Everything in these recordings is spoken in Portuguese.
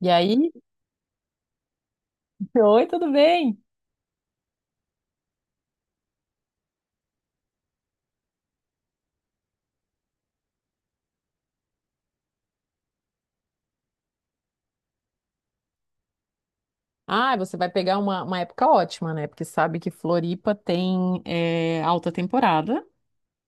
E aí? Oi, tudo bem? Ah, você vai pegar uma época ótima, né? Porque sabe que Floripa tem alta temporada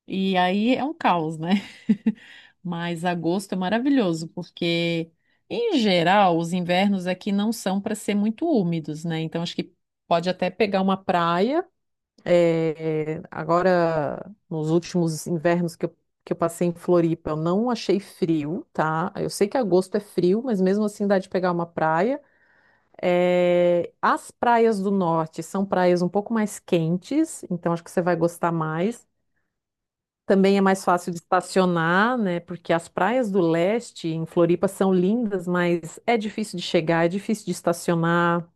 e aí é um caos, né? Mas agosto é maravilhoso, porque, em geral, os invernos aqui não são para ser muito úmidos, né? Então, acho que pode até pegar uma praia. É, agora, nos últimos invernos que eu passei em Floripa, eu não achei frio, tá? Eu sei que agosto é frio, mas mesmo assim dá de pegar uma praia. É, as praias do norte são praias um pouco mais quentes, então acho que você vai gostar mais. Também é mais fácil de estacionar, né? Porque as praias do leste em Floripa são lindas, mas é difícil de chegar, é difícil de estacionar.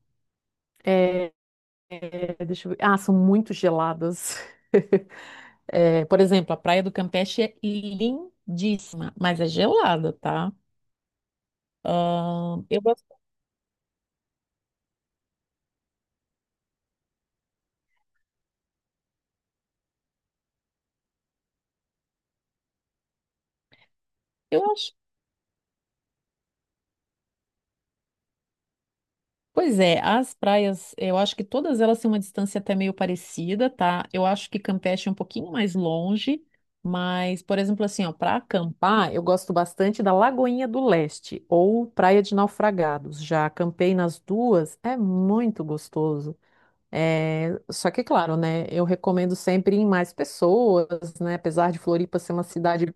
É, deixa eu ver. Ah, são muito geladas. É, por exemplo, a Praia do Campeche é lindíssima, mas é gelada, tá? Eu, gosto- eu Pois é, as praias, eu acho que todas elas têm uma distância até meio parecida, tá? Eu acho que Campeche é um pouquinho mais longe, mas, por exemplo, assim, ó, para acampar, eu gosto bastante da Lagoinha do Leste ou Praia de Naufragados. Já acampei nas duas, é muito gostoso. É, só que, claro, né, eu recomendo sempre ir em mais pessoas, né?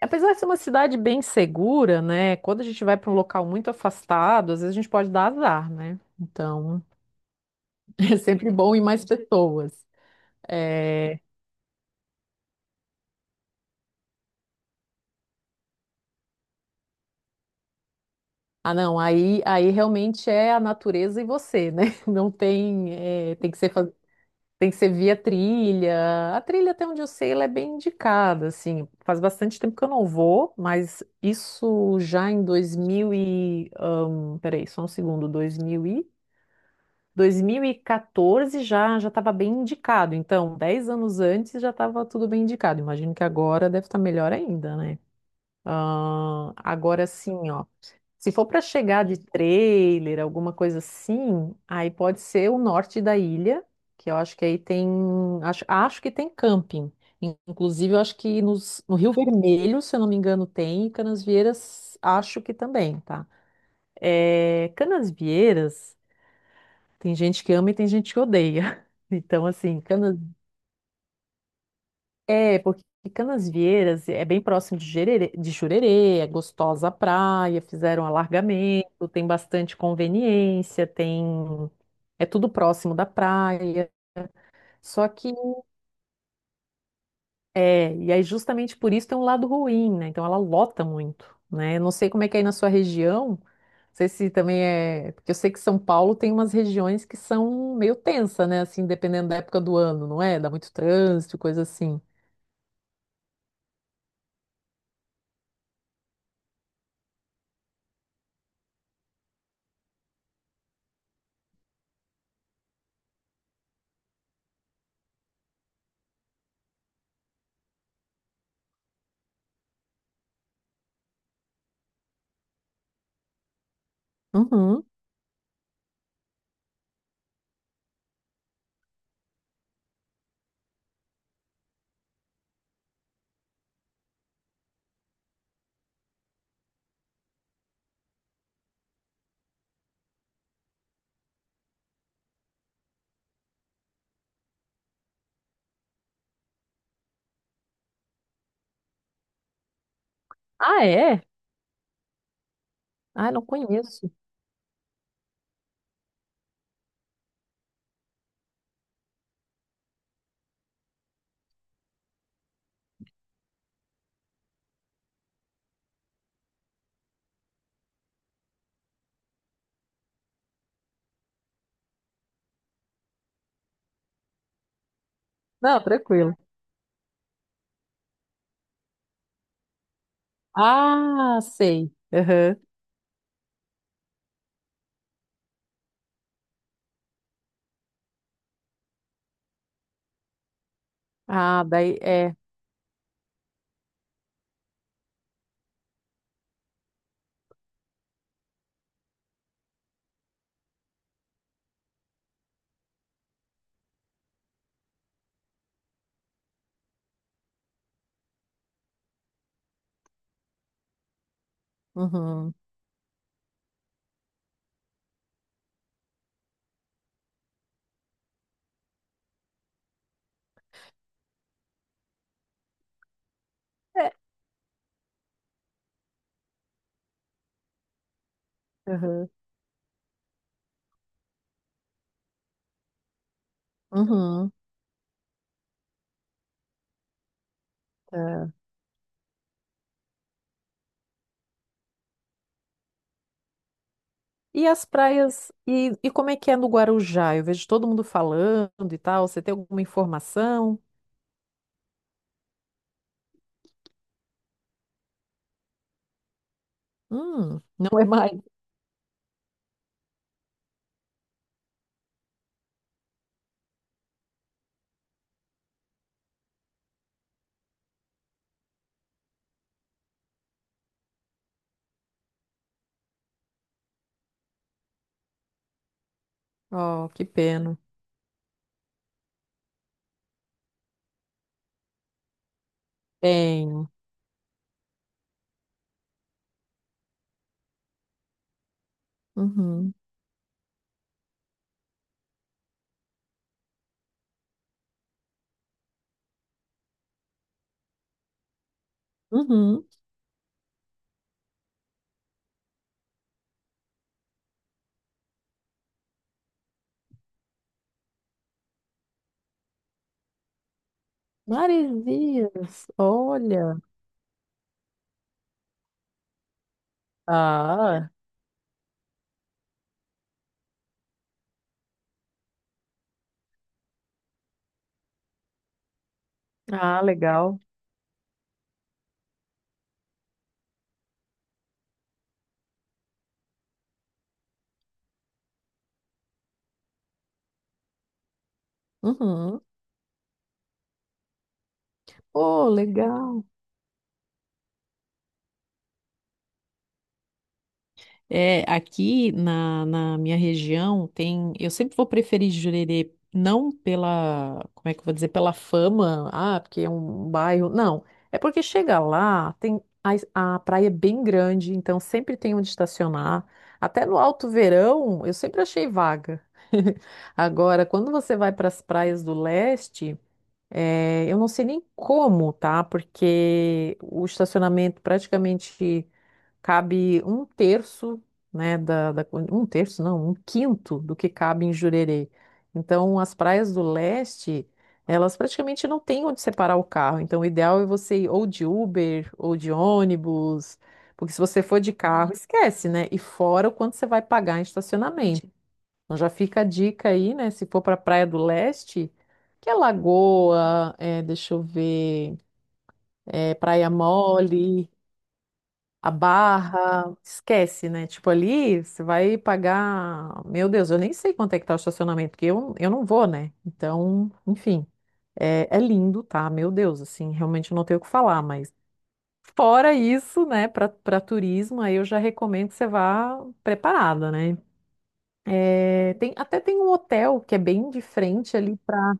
Apesar de ser uma cidade bem segura, né? Quando a gente vai para um local muito afastado, às vezes a gente pode dar azar, né? Então, é sempre bom ir mais pessoas. É, Ah, não, aí realmente é a natureza e você, né? Não tem, é, tem que ser via trilha. A trilha, até onde eu sei, ela é bem indicada, assim. Faz bastante tempo que eu não vou, mas isso já em 2000 e... peraí, só um segundo, 2000 e... 2014 já estava bem indicado, então 10 anos antes já estava tudo bem indicado. Imagino que agora deve estar melhor ainda, né? Ah, agora assim, ó, se for para chegar de trailer, alguma coisa assim, aí pode ser o norte da ilha, que eu acho que aí tem, acho que tem camping. Inclusive, eu acho que no Rio Vermelho, se eu não me engano, tem, e Canasvieiras acho que também, tá? É, Canasvieiras tem gente que ama e tem gente que odeia. Então, assim, canas... É, porque Canasvieiras é bem próximo de Jererê, de Jurerê, é gostosa a praia, fizeram alargamento, tem bastante conveniência, tem... É tudo próximo da praia. Só que é, e aí justamente por isso tem um lado ruim, né? Então ela lota muito, né? Eu não sei como é que é aí na sua região, não sei se também é, porque eu sei que São Paulo tem umas regiões que são meio tensa, né? Assim, dependendo da época do ano, não é? Dá muito trânsito, coisa assim. Uhum. Ah, é? Ah, não conheço. Não, tranquilo. Ah, sei. Aham. Ah, daí é. Uhum. É. Aham. Uhum. E as praias, e como é que é no Guarujá? Eu vejo todo mundo falando e tal. Você tem alguma informação? Não é mais. Oh, que pena. Tenho. Uhum. Uhum. Maresias, olha. Ah, ah, legal. Uhum. Oh, legal. É, aqui na minha região tem. Eu sempre vou preferir Jurerê, não pela, como é que eu vou dizer, pela fama, ah, porque é um bairro. Não, é porque chega lá, tem a praia é bem grande, então sempre tem onde estacionar. Até no alto verão, eu sempre achei vaga. Agora, quando você vai para as praias do leste, é, eu não sei nem como, tá? Porque o estacionamento praticamente cabe um terço, né, um terço, não, um quinto do que cabe em Jurerê. Então, as praias do leste, elas praticamente não têm onde separar o carro. Então, o ideal é você ir ou de Uber ou de ônibus, porque se você for de carro, esquece, né? E fora o quanto você vai pagar em estacionamento. Então, já fica a dica aí, né? Se for para a Praia do Leste, que é Lagoa, é, deixa eu ver, é, Praia Mole. A barra, esquece, né? Tipo, ali você vai pagar. Meu Deus, eu nem sei quanto é que tá o estacionamento, porque eu não vou, né? Então, enfim, é, é lindo, tá? Meu Deus, assim, realmente eu não tenho o que falar, mas fora isso, né, para turismo, aí eu já recomendo que você vá preparada, né? É, tem, até tem um hotel que é bem de frente ali para.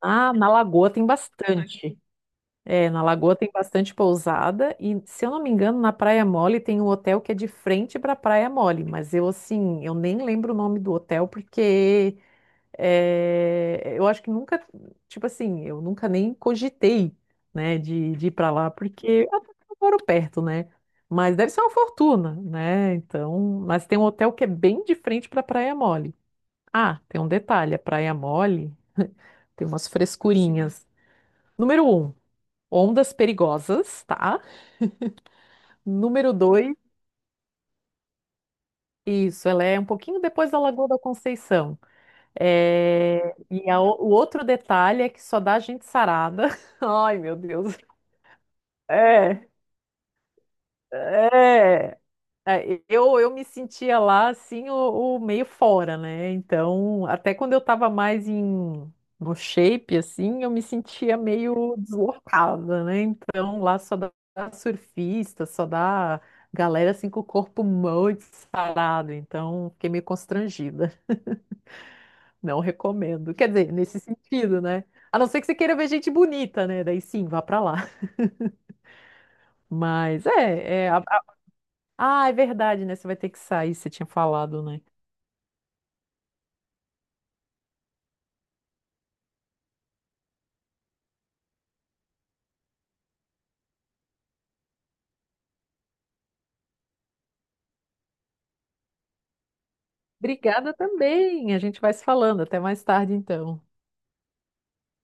Ah, na Lagoa tem bastante. É, na Lagoa tem bastante pousada e, se eu não me engano, na Praia Mole tem um hotel que é de frente para a Praia Mole, mas eu, assim, eu nem lembro o nome do hotel porque é, eu acho que nunca, tipo assim, eu nunca nem cogitei, né, de ir para lá porque até que eu moro perto, né? Mas deve ser uma fortuna, né? Então, mas tem um hotel que é bem de frente para a Praia Mole. Ah, tem um detalhe, a Praia Mole tem umas frescurinhas. Número um, ondas perigosas, tá? Número dois, isso, ela é um pouquinho depois da Lagoa da Conceição. É, e a o outro detalhe é que só dá gente sarada. Ai, meu Deus. É, é. É, eu me sentia lá assim, o meio fora, né? Então, até quando eu tava mais em, no shape, assim, eu me sentia meio deslocada, né? Então, lá só dá surfista, só dá galera assim com o corpo muito sarado. Então, fiquei meio constrangida. Não recomendo. Quer dizer, nesse sentido, né? A não ser que você queira ver gente bonita, né? Daí sim, vá pra lá. Mas é, é a- a- Ah, é verdade, né? Você vai ter que sair, você tinha falado, né? Obrigada também. A gente vai se falando. Até mais tarde, então.